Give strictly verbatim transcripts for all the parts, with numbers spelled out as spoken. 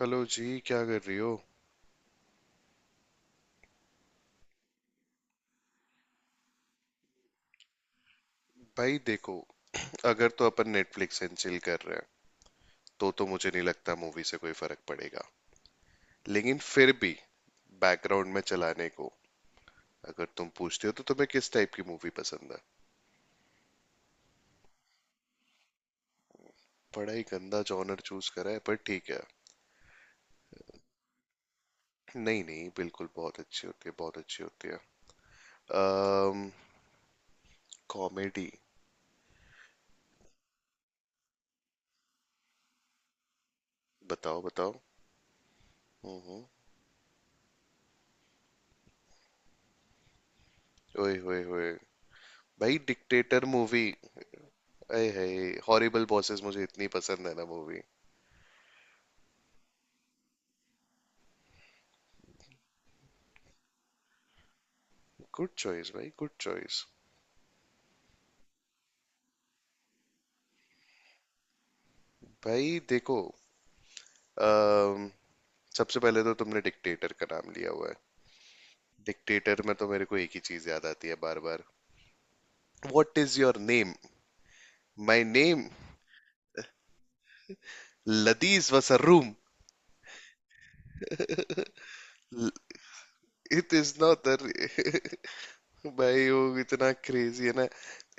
Hello जी, क्या कर रही हो? भाई देखो। अगर तो अपन नेटफ्लिक्स एंड चिल कर रहे हैं, तो तो मुझे नहीं लगता मूवी से कोई फर्क पड़ेगा। लेकिन फिर भी, बैकग्राउंड में चलाने को। अगर तुम पूछते हो तो, तुम्हें किस टाइप की मूवी पसंद है? बड़ा ही गंदा जॉनर चूज करा है, पर ठीक है। नहीं नहीं, बिल्कुल बहुत अच्छी होती है, बहुत अच्छी होती है। अम्म कॉमेडी। बताओ बताओ। हम्म हम्म। ओए होए होए। भाई, डिक्टेटर मूवी। अय है। हॉरिबल बॉसेस मुझे इतनी पसंद है ना मूवी। गुड चॉइस भाई, गुड चॉइस। भाई देखो। अम, सबसे पहले तो तुमने डिक्टेटर का नाम लिया हुआ है। डिक्टेटर में तो मेरे को एक ही चीज याद आती है बार बार। What is your name? My name. Ladies was a room. It is not. भाई वो इतना क्रेजी है ना।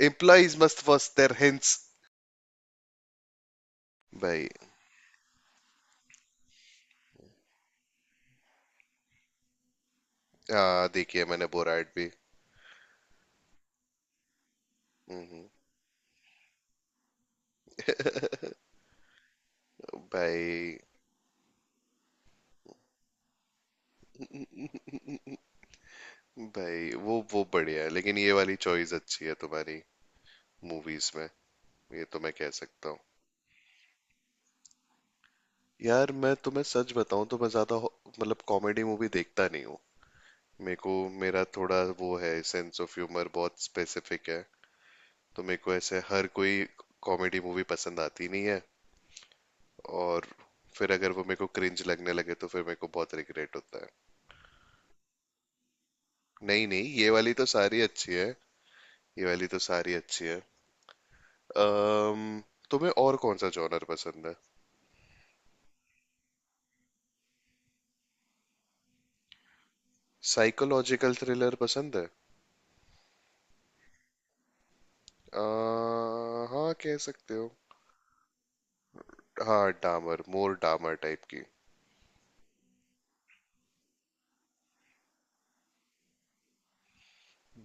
Employees must wash their hands. भाई, हाँ देखिए मैंने बोराइट भी। हम्म। भाई। भाई, वो वो बढ़िया है लेकिन ये वाली चॉइस अच्छी है तुम्हारी। मूवीज में। ये तो मैं कह सकता हूँ। यार, मैं तुम्हें सच बताऊं तो मैं ज्यादा हो- मतलब कॉमेडी मूवी देखता नहीं हूँ। मेरे को। मेरा थोड़ा वो है, सेंस ऑफ ह्यूमर बहुत स्पेसिफिक है। तो मेरे को ऐसे हर कोई कॉमेडी मूवी पसंद आती नहीं है। और फिर अगर वो मेरे को क्रिंज लगने लगे, तो फिर मेरे को बहुत रिग्रेट होता है। नहीं नहीं, ये वाली तो सारी अच्छी है। ये वाली तो सारी अच्छी है। अम्म तुम्हें और कौन सा जॉनर पसंद है? साइकोलॉजिकल थ्रिलर पसंद है। अ, हाँ कह सकते हो। हाँ, डामर मोर डामर टाइप की।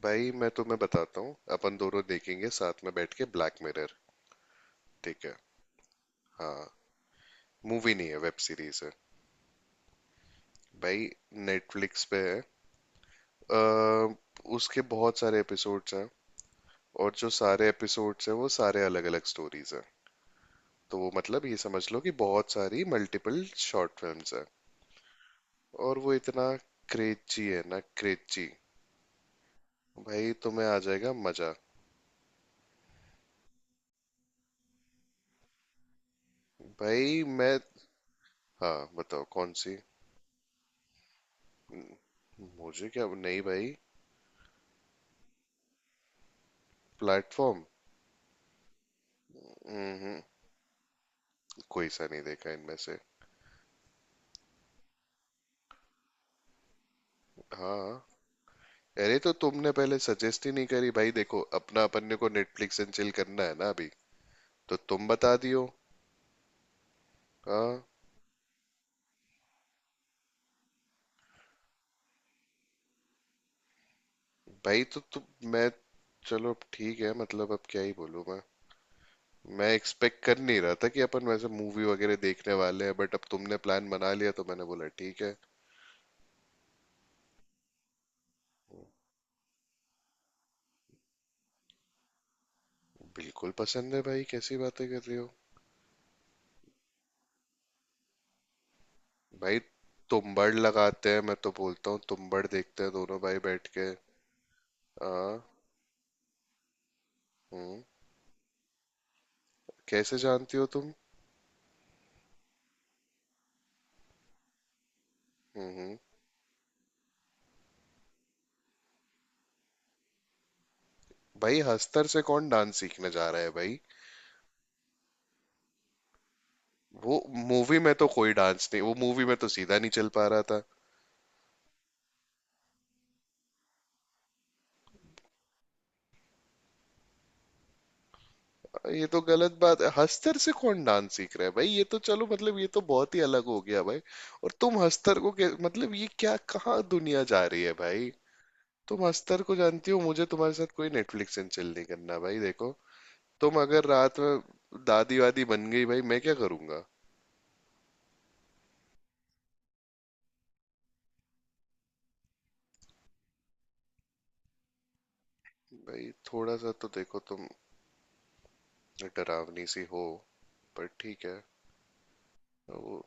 भाई, मैं तुम्हें बताता हूँ, अपन दोनों देखेंगे साथ में बैठ के ब्लैक मिरर। ठीक है। हाँ। मूवी नहीं है, वेब सीरीज है। भाई। नेटफ्लिक्स पे है। अ, उसके बहुत सारे एपिसोड्स हैं। और जो सारे एपिसोड्स हैं वो सारे अलग अलग स्टोरीज हैं। तो वो मतलब, ये समझ लो कि बहुत सारी मल्टीपल शॉर्ट फिल्म्स हैं। और वो इतना। क्रेची है ना क्रेची। भाई तुम्हें आ जाएगा मजा। भाई मैं। हाँ बताओ कौन सी। मुझे क्या नहीं भाई। प्लेटफॉर्म। हम्म। कोई सा नहीं देखा इनमें से। हाँ। अरे, तो तुमने पहले सजेस्ट ही नहीं करी। भाई देखो, अपना अपन ने को नेटफ्लिक्स एंड चिल करना है ना अभी। तो तुम बता दियो। हाँ। भाई तो तुम। मैं। चलो अब ठीक है, मतलब अब क्या ही बोलूं मैं। मैं एक्सपेक्ट कर नहीं रहा था कि अपन वैसे मूवी वगैरह देखने वाले हैं, बट अब तुमने प्लान बना लिया तो मैंने बोला ठीक है। बिल्कुल पसंद है भाई, कैसी बातें कर रही हो? भाई, तुम्बाड़ लगाते हैं, मैं तो बोलता हूँ तुम्बाड़ देखते हैं दोनों भाई बैठ के। हाँ। हम्म। कैसे जानती हो तुम? हम्म हम्म। भाई, हस्तर से कौन डांस सीखने जा रहा है भाई? वो मूवी में तो कोई डांस नहीं, वो मूवी में तो सीधा नहीं चल पा रहा था। ये तो गलत बात है। हस्तर से कौन डांस सीख रहा है भाई? ये तो चलो, मतलब ये तो बहुत ही अलग हो गया भाई। और तुम हस्तर को कै- मतलब ये क्या, कहाँ दुनिया जा रही है भाई? तुम हस्तर को जानती हो, मुझे तुम्हारे साथ कोई नेटफ्लिक्स एंड चिल नहीं करना। भाई देखो, तुम अगर रात में दादी वादी बन गई भाई, मैं क्या करूंगा? भाई थोड़ा सा तो देखो तुम। डरावनी सी हो। पर ठीक है। वो।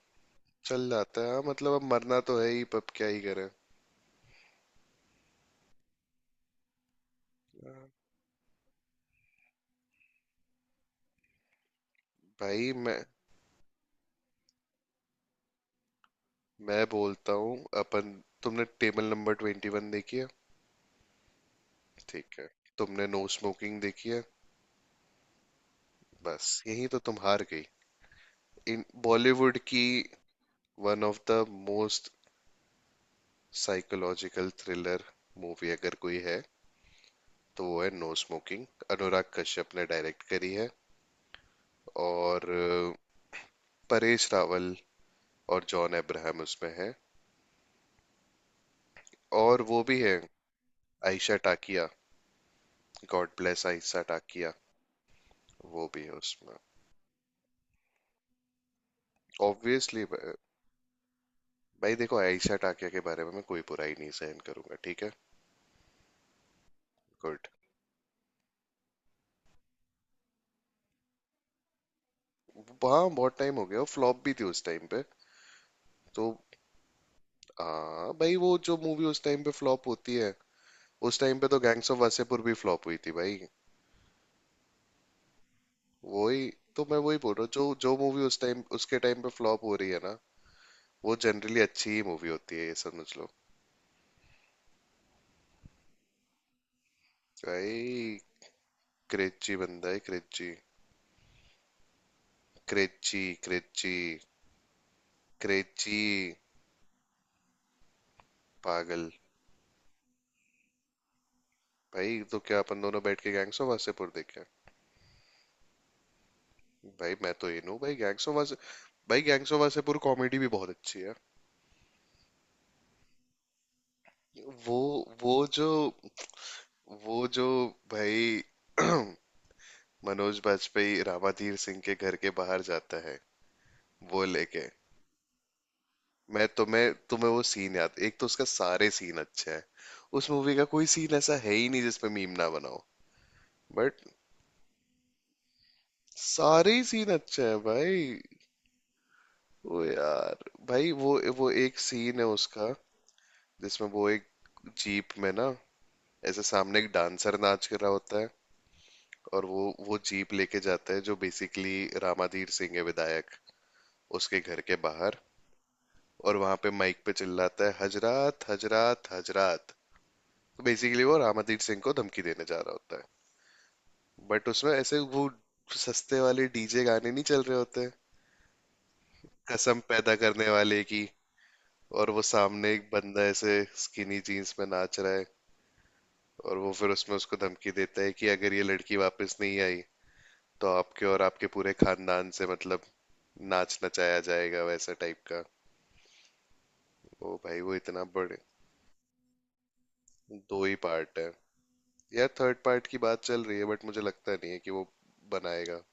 चल जाता है हाँ, मतलब अब मरना तो है ही, पर अब क्या ही करें। भाई मैं। मैं बोलता हूँ। अपन। तुमने टेबल नंबर ट्वेंटी वन देखी है? ठीक है। तुमने नो स्मोकिंग देखी है? बस यही तो तुम हार गई। इन बॉलीवुड की। One of the most, psychological thriller, movie अगर कोई है, तो वो है नो स्मोकिंग। अनुराग कश्यप ने डायरेक्ट करी है। और अ, परेश रावल, और जॉन अब्राहम उसमें है। और वो भी है, आयशा टाकिया। God bless Ayesha Takia. वो भी है उसमें। ऑब्वियसली भाई। देखो, आयशा टाकिया के बारे में मैं कोई बुराई नहीं सहन करूंगा, ठीक है? गुड। वहाँ बहुत टाइम हो गया, फ्लॉप भी थी उस टाइम पे। तो। हाँ भाई, वो जो मूवी उस टाइम पे फ्लॉप होती है, उस टाइम पे तो गैंग्स ऑफ वासेपुर भी फ्लॉप हुई थी भाई। वही। तो मैं वही बोल रहा हूँ, जो जो मूवी उस टाइम उसके टाइम पे फ्लॉप हो रही है ना, वो जनरली अच्छी ही मूवी होती है, ये समझ लो। भाई क्रेची बंदा है, क्रेची। Creche creche. क्रेची। पागल। भाई, तो क्या अपन दोनों बैठ के गैंग्स ऑफ वासेपुर देखे हैं? भाई मैं तो ये हूँ भाई, गैंग्स ऑफ वासे। भाई, गैंग्स ऑफ वासेपुर कॉमेडी भी बहुत अच्छी है। वो। वो जो। वो जो। भाई। मनोज बाजपेयी रामाधीर सिंह के घर के बाहर जाता है। वो लेके। मैं तुम्हें तुम्हें वो सीन याद, एक तो उसका सारे सीन अच्छे हैं। उस मूवी का कोई सीन ऐसा है ही नहीं जिसपे मीम ना बनाओ। बट। सारे ही सीन अच्छे हैं भाई। ओ यार। भाई वो वो एक सीन है उसका, जिसमें वो एक, जीप में ना, ऐसे सामने एक डांसर नाच कर रहा होता है। और वो। वो जीप लेके जाता है, जो बेसिकली, रामाधीर सिंह है विधायक, उसके घर के बाहर। और वहां पे माइक पे चिल्लाता है, हजरात हजरात हजरात। तो बेसिकली वो रामाधीर सिंह को धमकी देने जा रहा होता है। बट उसमें ऐसे वो, सस्ते वाले डी जे गाने नहीं चल रहे होते, कसम पैदा करने वाले की। और वो सामने एक बंदा ऐसे स्किनी जीन्स में नाच रहा है। और वो फिर उसमें उसको धमकी देता है कि अगर ये लड़की वापस नहीं आई, तो आपके और आपके पूरे खानदान से, मतलब, नाच नचाया जाएगा वैसा टाइप का। ओ भाई वो इतना बड़े। दो ही पार्ट है। यार, थर्ड पार्ट की बात चल रही है, बट मुझे लगता नहीं है कि वो बनाएगा।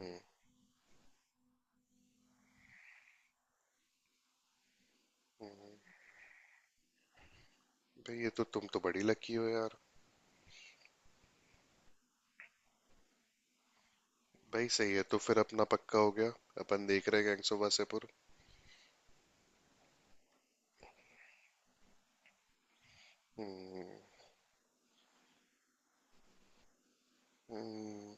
हम्म। भाई, ये तो तुम तो बड़ी लकी हो यार। भाई सही है, तो फिर अपना पक्का हो गया। अपन देख रहे हैं गैंग्स ऑफ वासेपुर। हम्म। हम्म।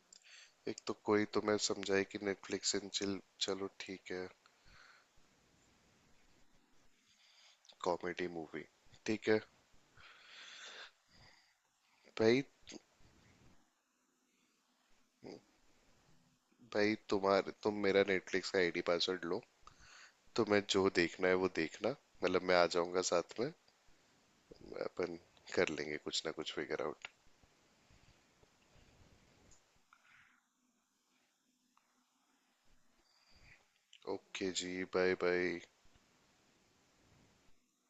एक तो कोई तो मैं समझाई कि नेटफ्लिक्स एंड चिल। चलो ठीक है। Comedy movie. ठीक है। भाई। भाई तुम्हारे तुम मेरा नेटफ्लिक्स का आई डी पासवर्ड लो। तुम्हें जो देखना है वो देखना। मतलब, मैं आ जाऊंगा साथ में। अपन। कर लेंगे कुछ ना कुछ फिगर आउट। ओके जी, बाय बाय।